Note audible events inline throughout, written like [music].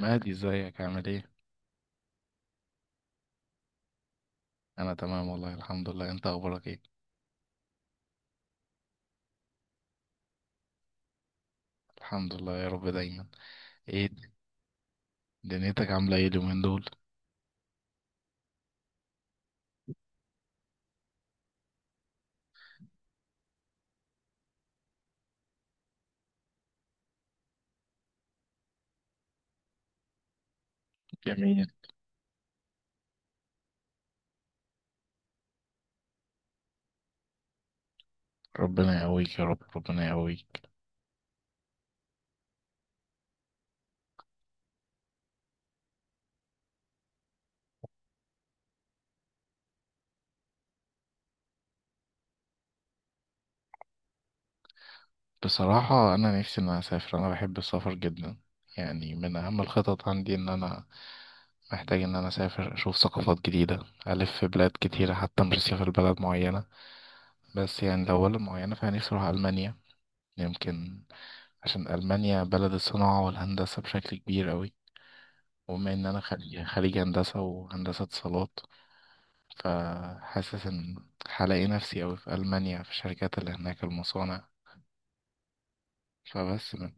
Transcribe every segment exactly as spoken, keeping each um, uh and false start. مهدي، ازيك؟ عامل ايه؟ انا تمام، والله الحمد لله. انت اخبارك ايه؟ الحمد لله يا رب دايما. ايه. دنيتك عامله ايه اليومين دول؟ جميل. ربنا يقويك يا رب، ربنا يقويك. بصراحه انا نفسي ان انا اسافر، انا بحب السفر جدا. يعني من اهم الخطط عندي ان انا محتاج ان انا اسافر اشوف ثقافات جديده، الف في بلاد كتيره، حتى مش هسافر بلد معينه. بس يعني لو بلد معينه فانا نفسي اروح المانيا، يمكن. عشان المانيا بلد الصناعه والهندسه بشكل كبير أوي. وبما ان انا خريج خريج هندسه وهندسه اتصالات، فحاسس ان هلاقي نفسي اوي في المانيا، في الشركات اللي هناك، المصانع. فبس من...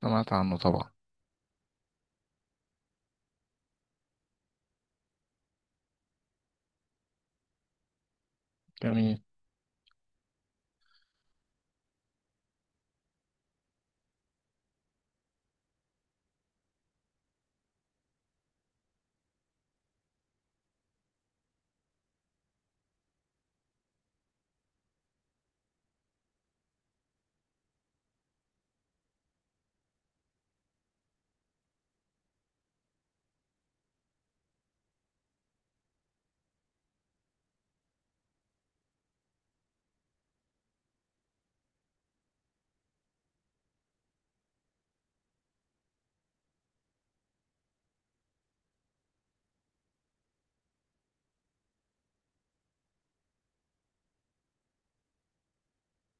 سمعت عنه طبعا. جميل.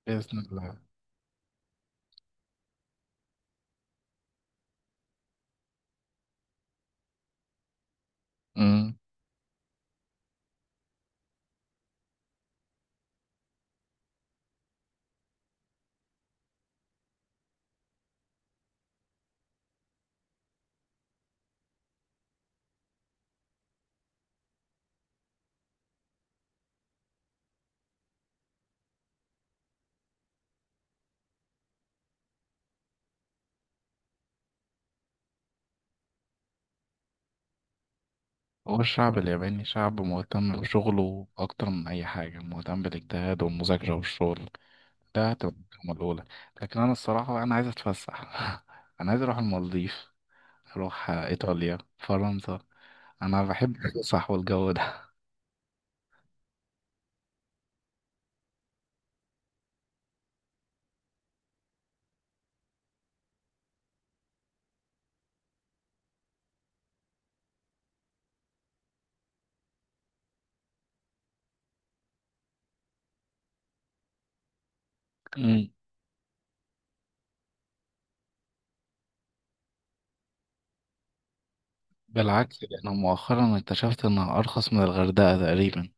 باذن الله. امم. هو الشعب الياباني شعب مهتم بشغله اكتر من اي حاجه، مهتم بالاجتهاد والمذاكره والشغل. ده هتبقى المكالمة الاولى. لكن انا الصراحه، انا عايز اتفسح [laughs] انا عايز اروح المالديف، اروح ايطاليا، فرنسا. انا بحب الفسح والجو. ده. بالعكس، لأنه مؤخرا اكتشفت إنها أرخص من الغردقة تقريبا.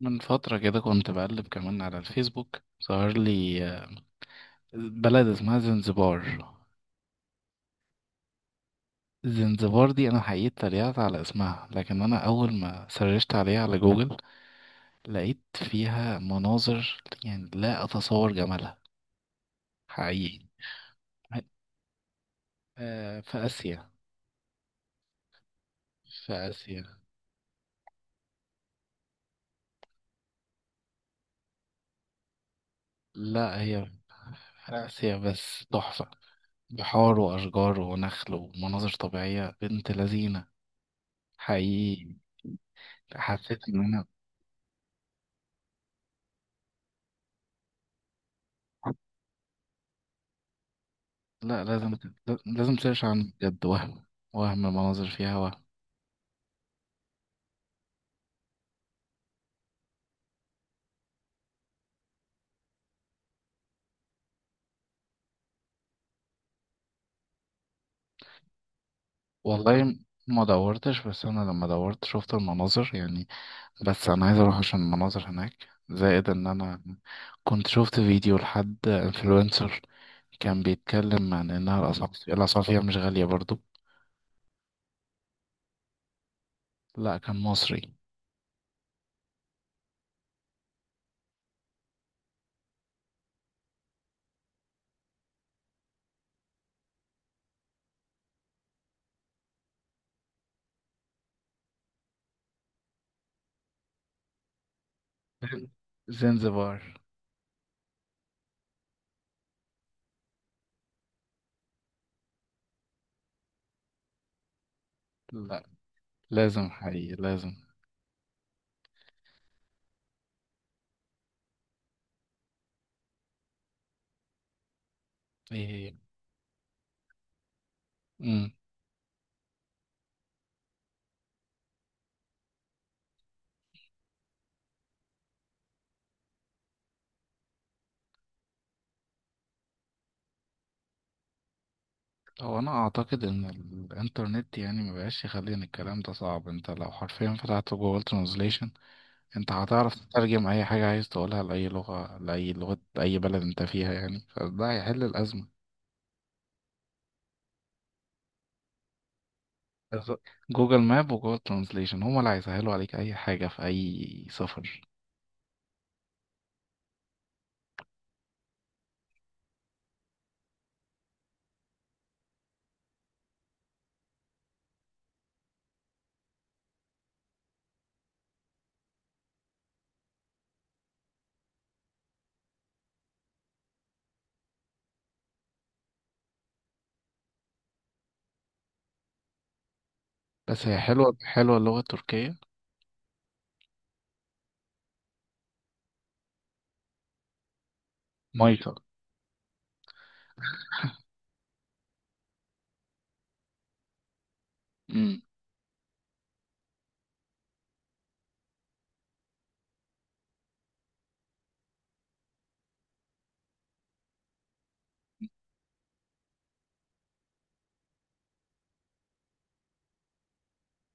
من فترة كده كنت بقلب كمان على الفيسبوك، ظهر لي آه، بلد اسمها زنزبار. زنزبار دي أنا حقيقي اتريقت على اسمها، لكن أنا أول ما سرشت عليها على جوجل لقيت فيها مناظر، يعني لا أتصور جمالها. حقيقي. آه، في آسيا. في آسيا، لا هي في آسيا، بس تحفة. بحار وأشجار ونخل ومناظر طبيعية بنت لذينة. حقيقي. حسيت ان انا... لا، لازم. لازم تسيرش عن بجد. وهم وهم المناظر فيها، وهم... والله ما دورتش، بس انا لما دورت شفت المناظر يعني. بس انا عايز اروح عشان المناظر هناك، زائد ان انا كنت شفت فيديو لحد انفلونسر كان بيتكلم عن انها الأصح- الاسعار فيها مش غالية برضو. لا، كان مصري. زنزبار. لا، لازم حقيقي لازم. ايه. هي. هو انا اعتقد ان الانترنت يعني مبقاش يخلي ان الكلام ده صعب. انت لو حرفيا فتحت جوجل ترانزليشن، انت هتعرف تترجم اي حاجة عايز تقولها لأي لغة، لأي لغة أي بلد انت فيها، يعني فده هيحل الأزمة. بالظبط. جوجل ماب وجوجل ترانزليشن هما اللي هيسهلوا عليك أي حاجة في أي سفر. بس هي حلوة حلوة اللغة التركية. مايكل. امم.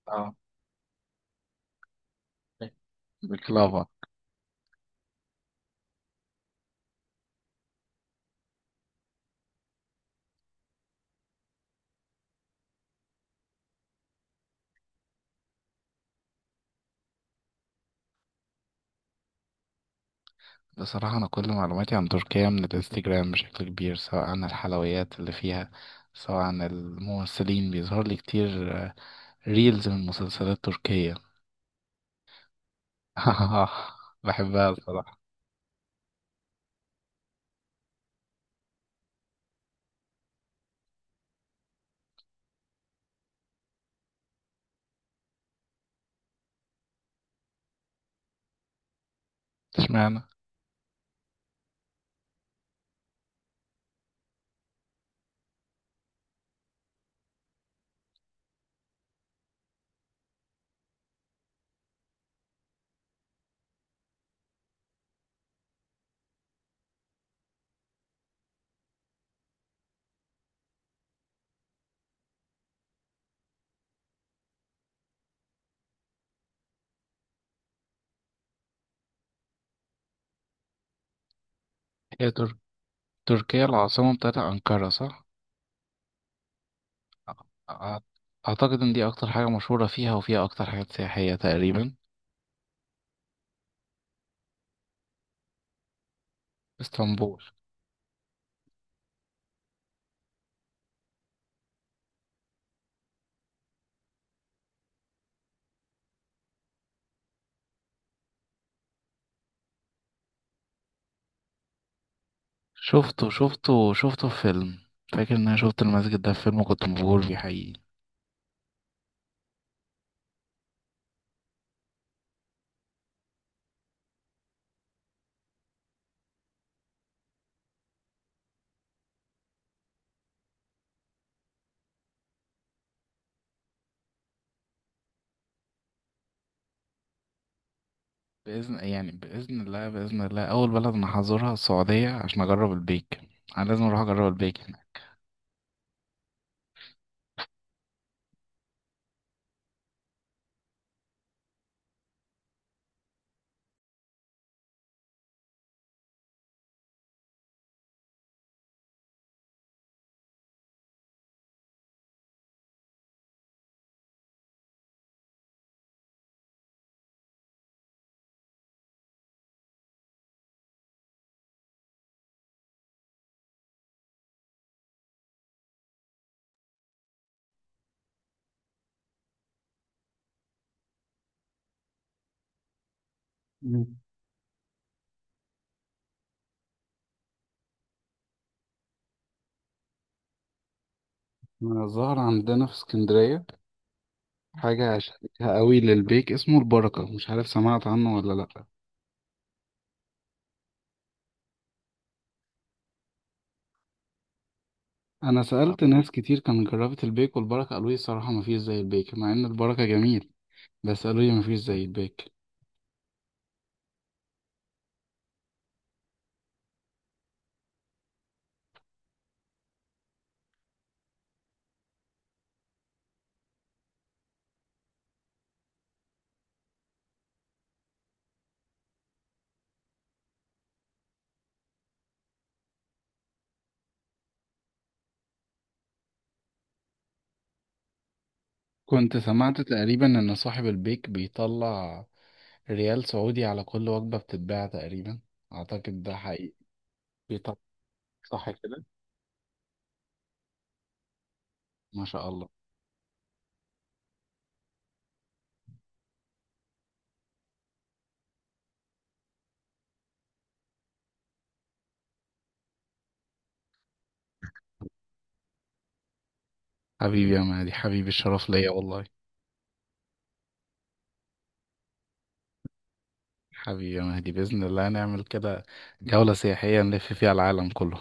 اه. بكلافا. بصراحة أنا كل معلوماتي عن تركيا من الانستجرام بشكل كبير، سواء عن الحلويات اللي فيها، سواء عن الممثلين. بيظهر لي كتير آه، ريلز من مسلسلات تركية [laughs] بحبها الصراحة. اشمعنى. هي تر... تركيا العاصمة بتاعت أنقرة صح؟ أع- أعتقد إن دي أكتر حاجة مشهورة فيها وفيها أكتر حاجات سياحية تقريبا. اسطنبول. شفته شفته شفته في فيلم، فاكر إن أنا شفت المسجد ده في فيلم وكنت مبهور بيه حقيقي. بإذن يعني بإذن الله بإذن الله أول بلد أنا هزورها السعودية عشان أجرب البيك. أنا لازم أروح أجرب البيك هناك. مم. ظهر عندنا في اسكندرية حاجة شبيهة قوي للبيك اسمه البركة، مش عارف سمعت عنه ولا لأ. أنا سألت ناس كتير كانت جربت البيك والبركة، قالوا لي الصراحة مفيش زي البيك مع إن البركة جميل. بس قالوا لي مفيش زي البيك. كنت سمعت تقريبا إن صاحب البيك بيطلع ريال سعودي على كل وجبة بتتباع تقريبا، أعتقد ده حقيقي. بيطلع. صح كده. ما شاء الله. حبيبي يا مهدي، حبيبي الشرف ليا والله. حبيبي يا مهدي، بإذن الله نعمل كده، جولة سياحية نلف فيها العالم كله.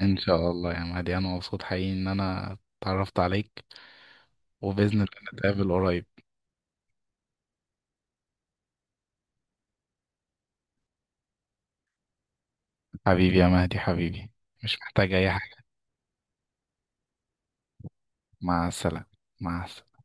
إن شاء الله يا مهدي، أنا مبسوط حقيقي إن أنا اتعرفت عليك، وبإذن الله نتقابل قريب. حبيبي يا مهدي، حبيبي. مش محتاج أي حاجة. مع السلامة. مع السلامة.